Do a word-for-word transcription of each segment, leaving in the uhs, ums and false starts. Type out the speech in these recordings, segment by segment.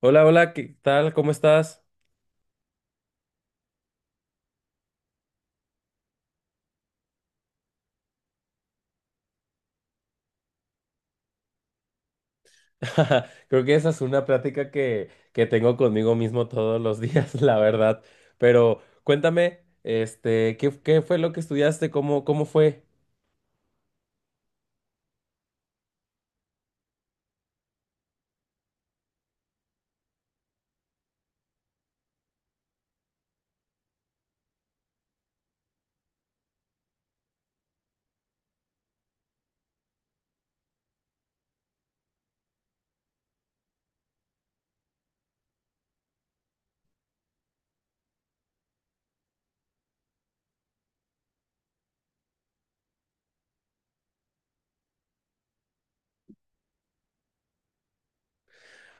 Hola, hola, ¿qué tal? ¿Cómo estás? Creo que esa es una plática que, que tengo conmigo mismo todos los días, la verdad. Pero cuéntame, este, ¿qué, qué fue lo que estudiaste? ¿Cómo, cómo fue?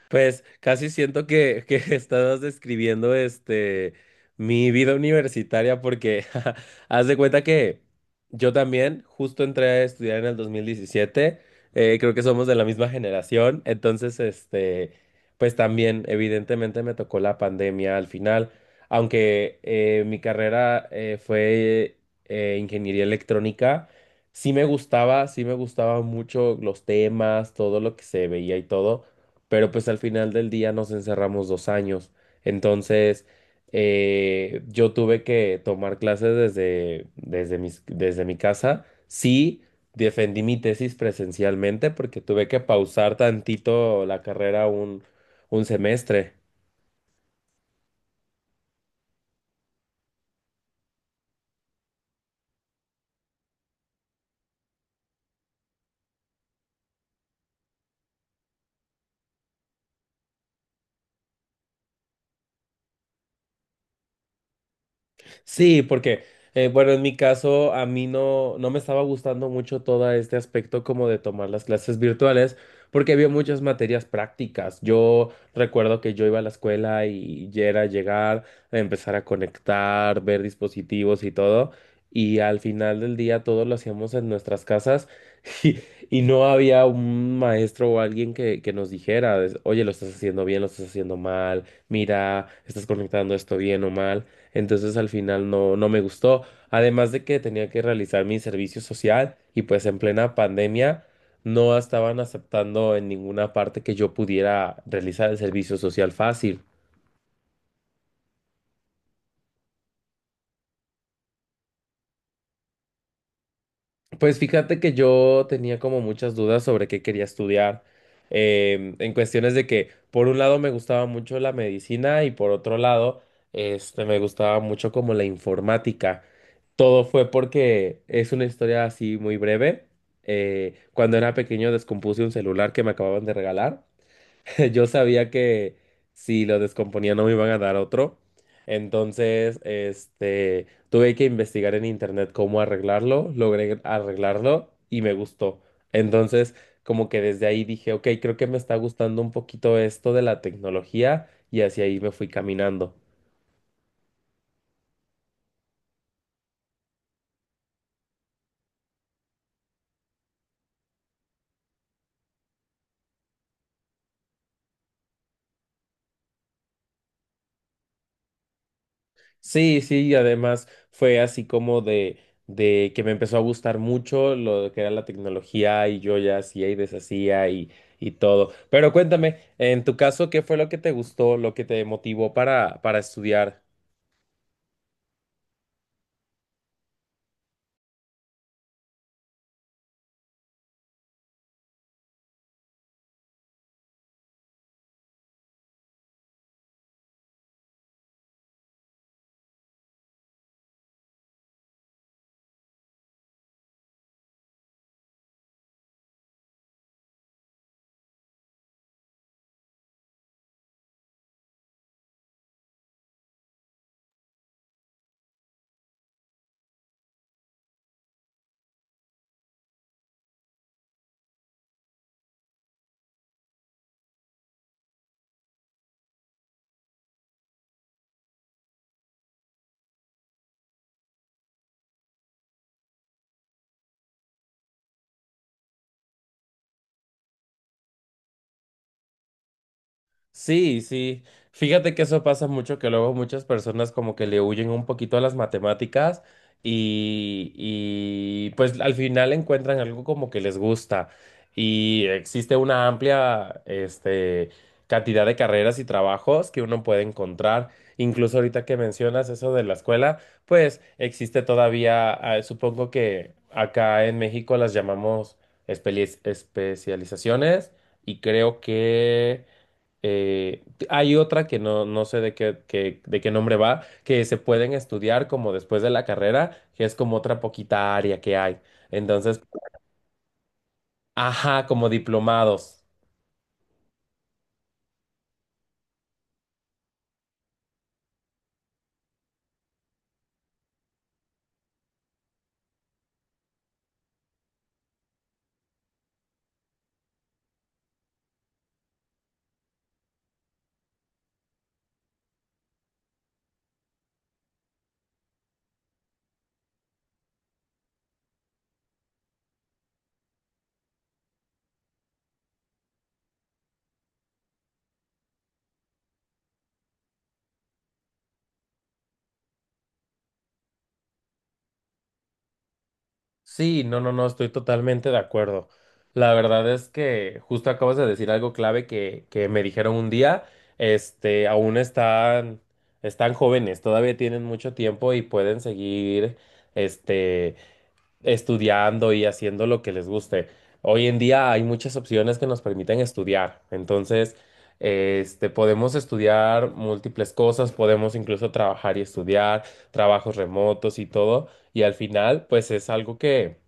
Pues casi siento que, que estás describiendo este mi vida universitaria porque haz de cuenta que yo también justo entré a estudiar en el dos mil diecisiete. Eh, creo que somos de la misma generación, entonces este pues también evidentemente me tocó la pandemia al final, aunque eh, mi carrera eh, fue eh, ingeniería electrónica. Sí me gustaba, sí me gustaba mucho los temas, todo lo que se veía y todo, pero pues al final del día nos encerramos dos años. Entonces, eh, yo tuve que tomar clases desde, desde mis- desde mi casa. Sí, defendí mi tesis presencialmente porque tuve que pausar tantito la carrera un, un semestre. Sí, porque, eh, bueno, en mi caso, a mí no, no me estaba gustando mucho todo este aspecto como de tomar las clases virtuales, porque había muchas materias prácticas. Yo recuerdo que yo iba a la escuela y ya era llegar, empezar a conectar, ver dispositivos y todo, y al final del día todo lo hacíamos en nuestras casas y, y no había un maestro o alguien que, que nos dijera, oye, lo estás haciendo bien, lo estás haciendo mal, mira, estás conectando esto bien o mal. Entonces al final no, no me gustó. Además de que tenía que realizar mi servicio social y pues en plena pandemia no estaban aceptando en ninguna parte que yo pudiera realizar el servicio social fácil. Pues fíjate que yo tenía como muchas dudas sobre qué quería estudiar. Em, en cuestiones de que por un lado me gustaba mucho la medicina y por otro lado este, me gustaba mucho como la informática. Todo fue porque es una historia así muy breve. Eh, cuando era pequeño descompuse un celular que me acababan de regalar. Yo sabía que si lo descomponía no me iban a dar otro. Entonces, este, tuve que investigar en internet cómo arreglarlo. Logré arreglarlo y me gustó. Entonces, como que desde ahí dije, ok, creo que me está gustando un poquito esto de la tecnología y hacia ahí me fui caminando. Sí, sí, y además fue así como de, de que me empezó a gustar mucho lo que era la tecnología y yo ya hacía y deshacía y, y todo. Pero cuéntame, en tu caso, ¿qué fue lo que te gustó, lo que te motivó para, para estudiar? Sí, sí. Fíjate que eso pasa mucho, que luego muchas personas como que le huyen un poquito a las matemáticas y, y pues al final encuentran algo como que les gusta. Y existe una amplia, este, cantidad de carreras y trabajos que uno puede encontrar. Incluso ahorita que mencionas eso de la escuela, pues existe todavía, ah, supongo que acá en México las llamamos espeli- especializaciones y creo que... Eh, hay otra que no, no sé de qué, qué- de qué nombre va, que se pueden estudiar como después de la carrera, que es como otra poquita área que hay. Entonces, ajá, como diplomados. Sí, no, no, no, estoy totalmente de acuerdo. La verdad es que justo acabas de decir algo clave que, que me dijeron un día, este, aún están, están jóvenes, todavía tienen mucho tiempo y pueden seguir, este, estudiando y haciendo lo que les guste. Hoy en día hay muchas opciones que nos permiten estudiar. Entonces, este, podemos estudiar múltiples cosas, podemos incluso trabajar y estudiar, trabajos remotos y todo. Y al final, pues es algo que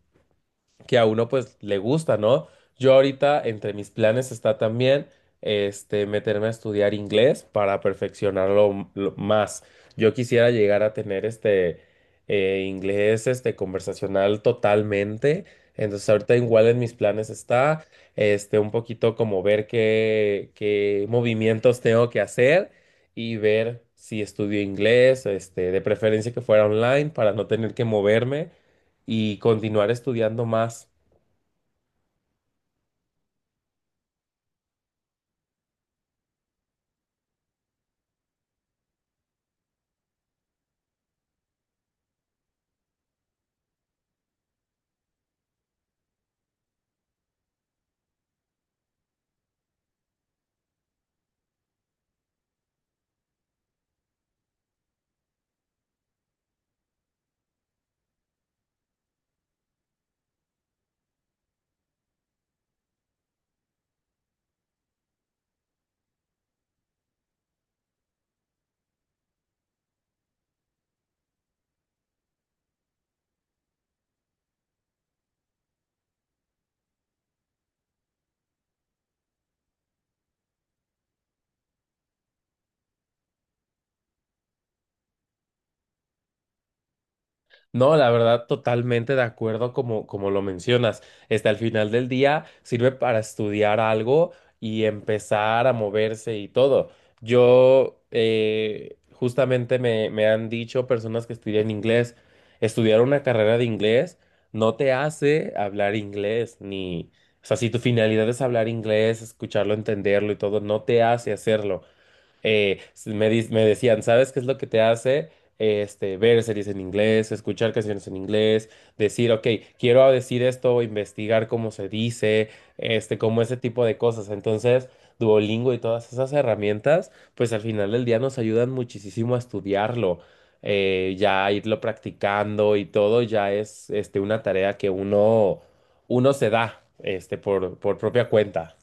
que a uno pues le gusta, ¿no? Yo ahorita entre mis planes está también este meterme a estudiar inglés para perfeccionarlo m- lo más. Yo quisiera llegar a tener este eh, inglés este conversacional totalmente. Entonces ahorita igual en mis planes está este un poquito como ver qué, qué movimientos tengo que hacer y ver si estudio inglés, este, de preferencia que fuera online para no tener que moverme y continuar estudiando más. No, la verdad, totalmente de acuerdo como, como lo mencionas. Hasta el final del día sirve para estudiar algo y empezar a moverse y todo. Yo, eh, justamente me, me han dicho personas que estudian inglés, estudiar una carrera de inglés no te hace hablar inglés, ni, o sea, si tu finalidad es hablar inglés, escucharlo, entenderlo y todo, no te hace hacerlo eh, me, dis- me decían, ¿sabes qué es lo que te hace? Este, ver series en inglés, escuchar canciones en inglés, decir, ok, quiero decir esto, o investigar cómo se dice, este, como ese tipo de cosas. Entonces, Duolingo y todas esas herramientas, pues al final del día nos ayudan muchísimo a estudiarlo, eh, ya irlo practicando y todo ya es, este, una tarea que uno, uno se da, este, por, por propia cuenta.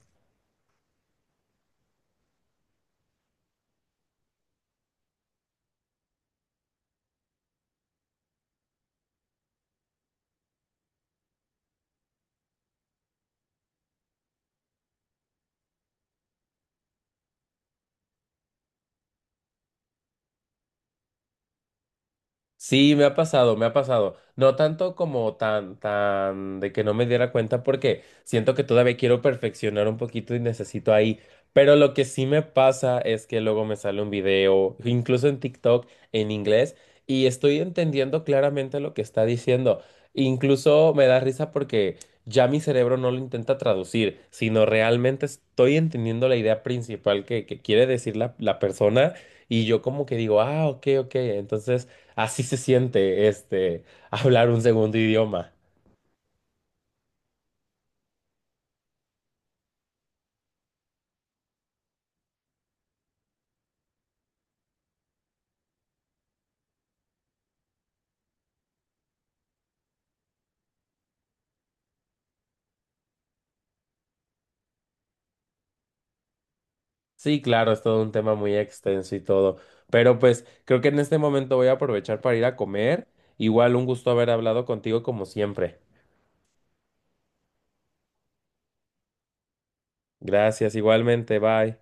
Sí, me ha pasado, me ha pasado. No tanto como tan, tan de que no me diera cuenta porque siento que todavía quiero perfeccionar un poquito y necesito ahí. Pero lo que sí me pasa es que luego me sale un video, incluso en TikTok, en inglés, y estoy entendiendo claramente lo que está diciendo. Incluso me da risa porque ya mi cerebro no lo intenta traducir, sino realmente estoy entendiendo la idea principal que, que quiere decir la, la persona y yo como que digo, ah, ok, ok. Entonces... Así se siente, este, hablar un segundo idioma. Sí, claro, es todo un tema muy extenso y todo, pero pues creo que en este momento voy a aprovechar para ir a comer. Igual un gusto haber hablado contigo como siempre. Gracias, igualmente, bye.